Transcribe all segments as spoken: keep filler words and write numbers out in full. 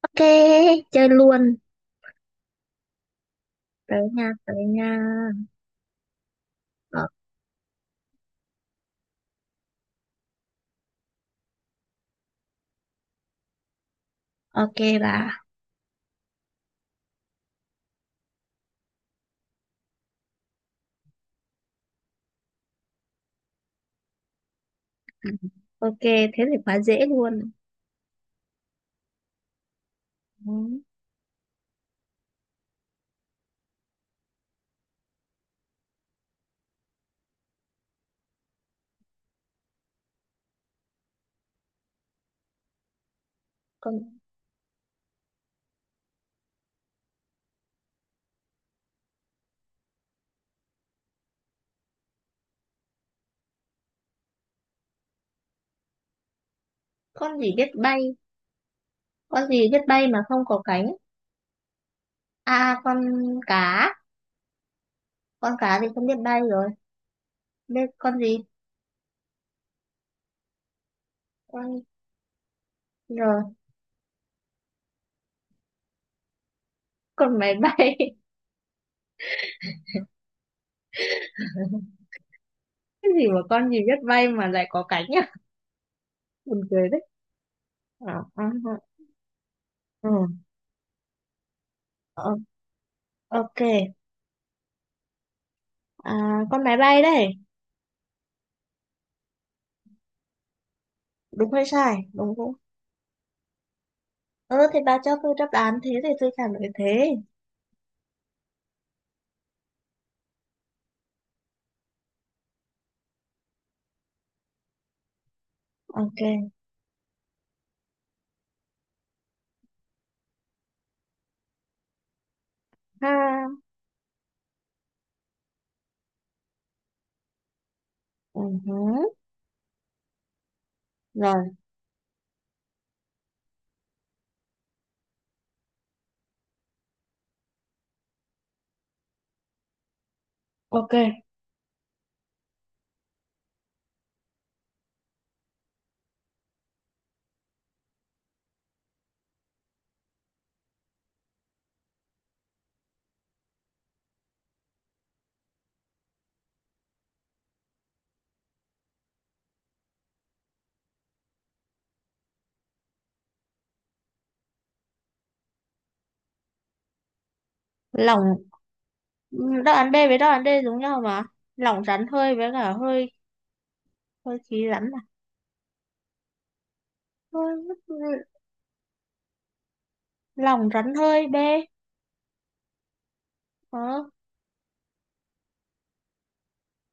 Ok, chơi luôn. Tới nha, tới nha. Ờ, ok bà. Ừ. Ok, thế thì quá dễ luôn. Ừ. Con, con gì biết bay? Con gì biết bay mà không có cánh? À, con cá. Con cá thì không biết bay rồi. Biết con gì? Con rồi. Con máy bay. Cái gì mà con gì biết bay mà lại có cánh nhá? Buồn cười đấy. Ờ, ờ, ờ, ờ. Ờ, ok. À, con máy bay đây. Đúng hay sai? Đúng không? Ừ thì bà cho tôi đáp án thế thì tôi trả lời thế. Ok. Ha. Ừ. Hứ. Rồi. Ok. Lỏng. Ừ, đáp án B với đáp án D giống nhau mà. Lỏng rắn hơi với cả hơi hơi khí rắn mà. Hơi, lỏng rắn hơi B. Ờ.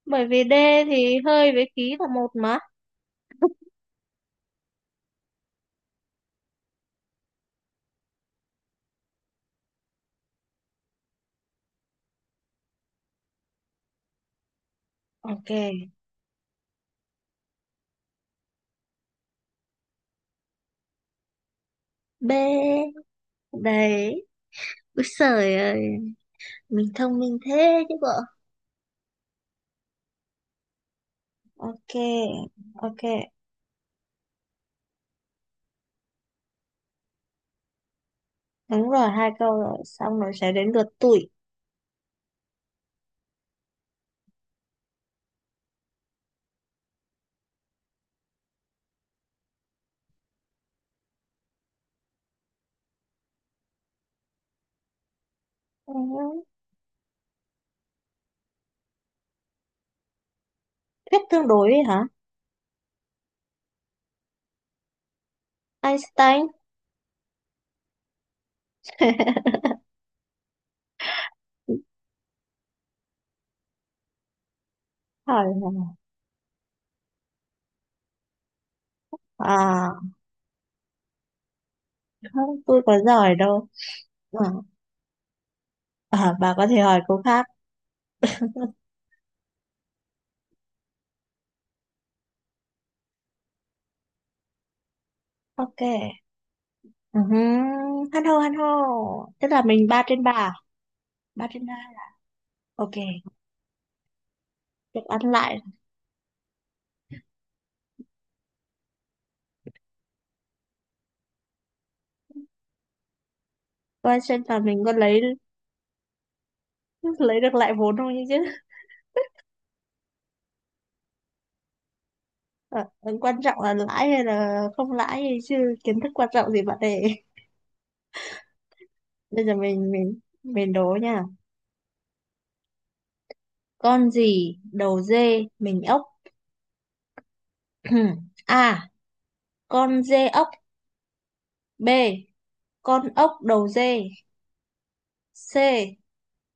Bởi vì D thì hơi với khí là một mà. Ok. B. Đấy. Úi giời ơi. Mình thông minh thế chứ bộ. Ok. Ok. Đúng rồi. Hai câu rồi. Xong rồi sẽ đến lượt tụi. Ừ. Thuyết tương đối ấy hả? Einstein. hỏi là, à không tôi có giỏi đâu. À, à, bà có thể hỏi cô khác. Ok. uh hăn hô hăn hô. Tức là mình ba trên ba à? Ba trên ba là- Ok, được ăn lại. Quan trọng là mình có lấy lấy được lại vốn không chứ. Ờ, ừ, quan trọng là lãi hay là không lãi gì chứ. Kiến thức quan trọng gì bạn để bây giờ mình mình mình đố nha. Con gì đầu dê mình ốc. a, con dê ốc. B, con ốc đầu dê. C,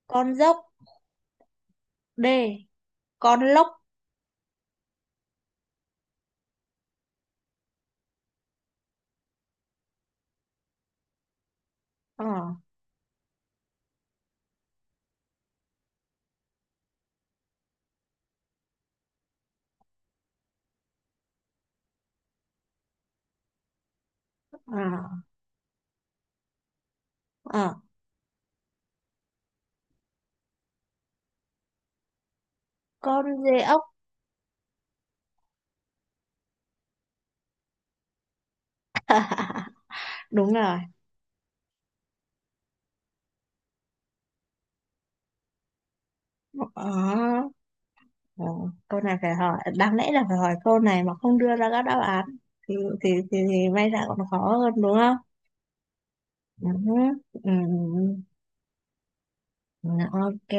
con dốc. D, con lốc. à à À, con dê ốc. À, đúng rồi. ờ ờ, câu này phải hỏi, đáng lẽ là phải hỏi câu này mà không đưa ra các đáp án thì thì thì, thì may ra còn khó hơn đúng không. Ừ. Ừ. Ừ, ok.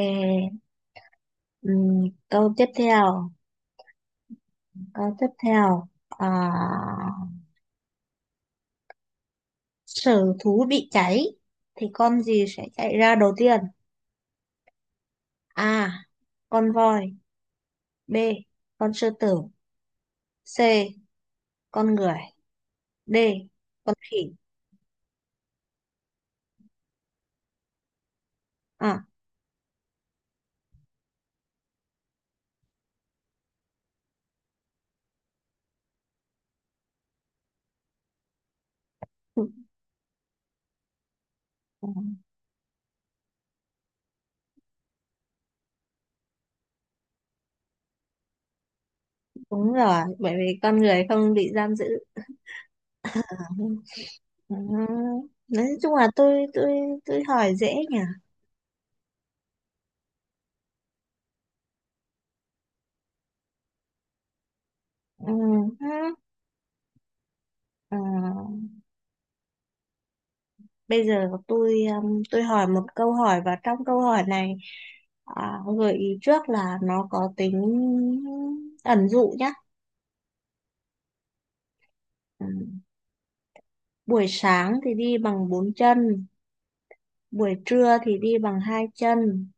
Ừ. Câu tiếp theo. Câu tiếp theo à? Sở thú bị cháy thì con gì sẽ chạy ra đầu tiên? A. Con voi. B. Con sư tử. C. Con người. D. Con khỉ. À, đúng rồi, bởi vì con người không bị giam giữ. À, ừ. Nói chung là tôi tôi tôi hỏi dễ nhỉ. Ừ. Ừ. Ờ, bây giờ tôi um, tôi hỏi một câu hỏi và trong câu hỏi này, à, gợi ý trước là nó có tính ẩn dụ nhá. Ừ. Buổi sáng thì đi bằng bốn chân, buổi trưa thì đi bằng hai chân,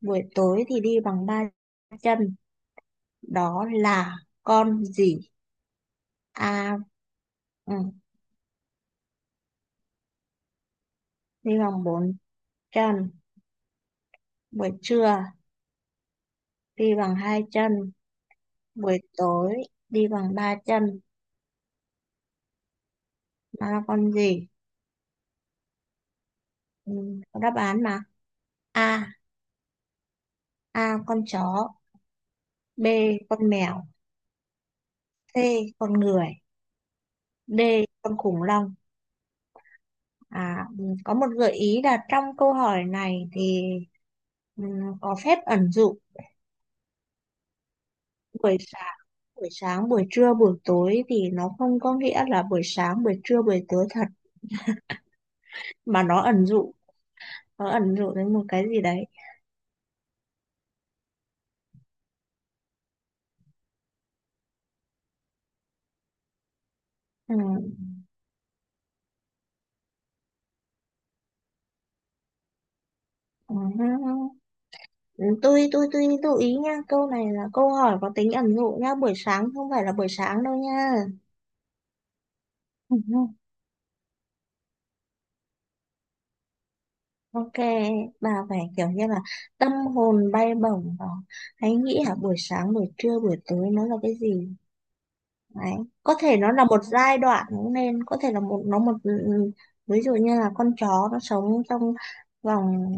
buổi tối thì đi bằng ba chân. Đó là con gì? A, ừ, đi bằng bốn chân, buổi trưa đi bằng hai chân, buổi tối đi bằng ba chân. Nó là con gì? Ừ, có đáp án mà. A, A con chó, B con mèo, C con người, D con khủng long. À, ừ, có một gợi ý là trong câu hỏi này thì ừ, có phép ẩn dụ. Buổi sáng, buổi sáng, buổi trưa, buổi tối thì nó không có nghĩa là buổi sáng, buổi trưa, buổi tối thật mà nó ẩn dụ, nó ẩn dụ đến một cái gì đấy. Ừ, ừ, ừ, ừ. tôi tôi tôi lưu ý nha, câu này là câu hỏi có tính ẩn dụ nha, buổi sáng không phải là buổi sáng đâu nha. Ok, bà phải kiểu như là tâm hồn bay bổng và hãy nghĩ hả buổi sáng, buổi trưa, buổi tối nó là cái gì đấy. Có thể nó là một giai đoạn cũng nên, có thể là một nó một ví dụ như là con chó nó sống trong vòng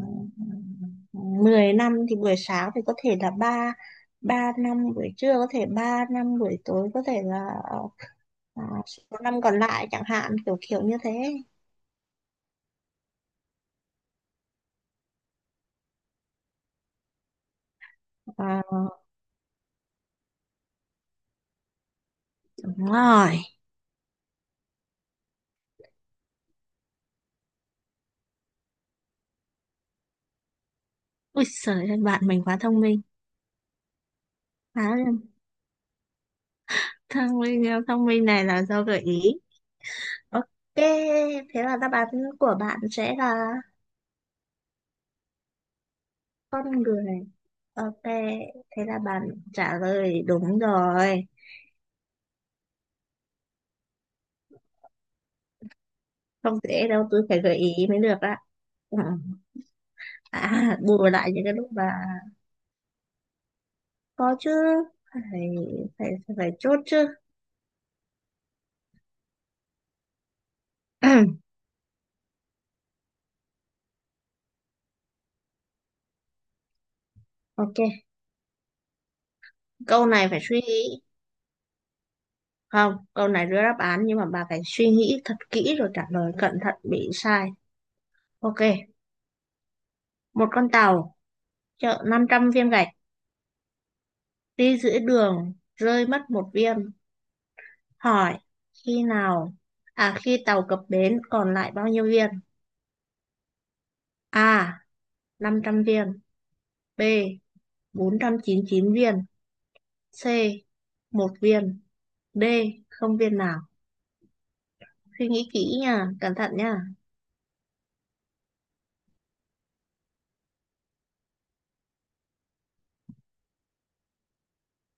mười năm thì buổi sáng thì có thể là ba ba năm, buổi trưa có thể ba năm, buổi tối có thể là à, số năm còn lại chẳng hạn kiểu kiểu như thế. À, đúng rồi. Ui giời ơi, bạn mình quá thông minh. À, thông minh thông minh này là do gợi ý. Ok, thế là đáp án của bạn sẽ là con người. Ok, thế là bạn trả lời đúng rồi. Không dễ đâu tôi phải gợi ý mới được ạ. Ừ. À, bù lại những cái lúc mà có chứ. Phải phải phải, phải chốt chứ. ok, câu này phải suy nghĩ. Không, câu này đưa đáp án nhưng mà bà phải suy nghĩ thật kỹ rồi trả lời cẩn thận bị sai. Ok, một con tàu chở năm trăm viên gạch, đi giữa đường rơi mất một viên, hỏi khi nào, à khi tàu cập bến còn lại bao nhiêu viên. A năm trăm viên, B bốn trăm chín mươi chín viên, C một viên, D không viên nào. Suy nghĩ kỹ nha, cẩn thận nha.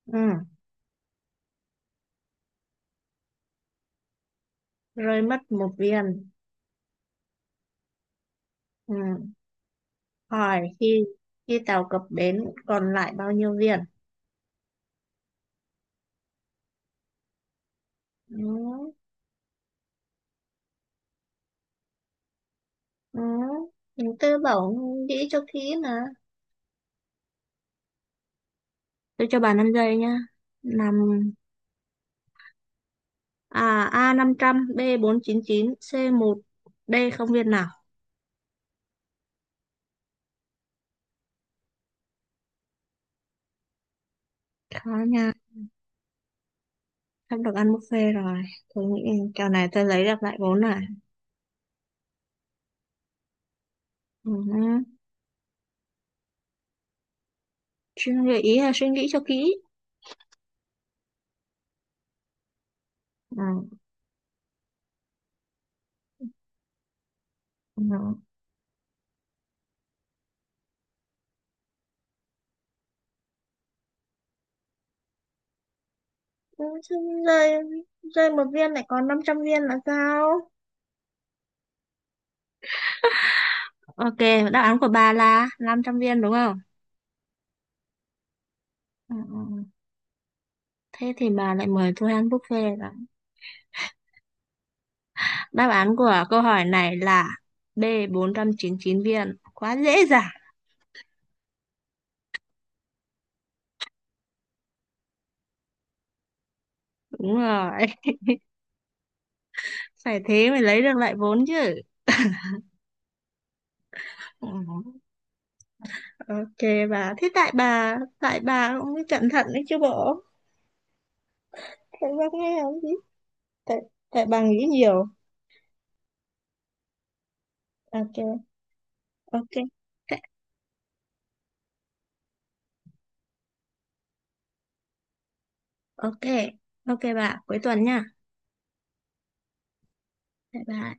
Ừ. Rơi mất một viên. Ừ. Hỏi khi khi tàu cập bến còn lại bao nhiêu viên. Ừ. Ừ. Tư bảo nghĩ cho kỹ mà, tôi cho bà năm giây nha. Năm. À, a năm trăm, b bốn chín chín, c một, D không viên nào. Khó nha, sắp được ăn buffet rồi. Tôi nghĩ kèo này tôi lấy được lại vốn này. Ừ. Suy nghĩ ý là suy nghĩ cho kỹ. Ừ. Ừ. Ừ, chứ rơi, rơi một viên lại còn năm trăm viên là sao? Ok, đáp án của bà là năm trăm viên đúng không? Ừ, ừ, ừ. Thế thì bà lại mời tôi ăn buffet rồi. Đáp án của câu hỏi này là b bốn trăm chín mươi chín viên. Quá dễ dàng. Đúng rồi. Phải thế mới lấy được lại vốn chứ. Ừ. Ok, bà thế tại bà tại bà cũng mới cẩn thận đấy chứ bộ. Tại bà nghe không gì, tại tại bà nghĩ nhiều. Ok. Ok. Thế- Ok. Ok, bà cuối tuần nha. Tại bà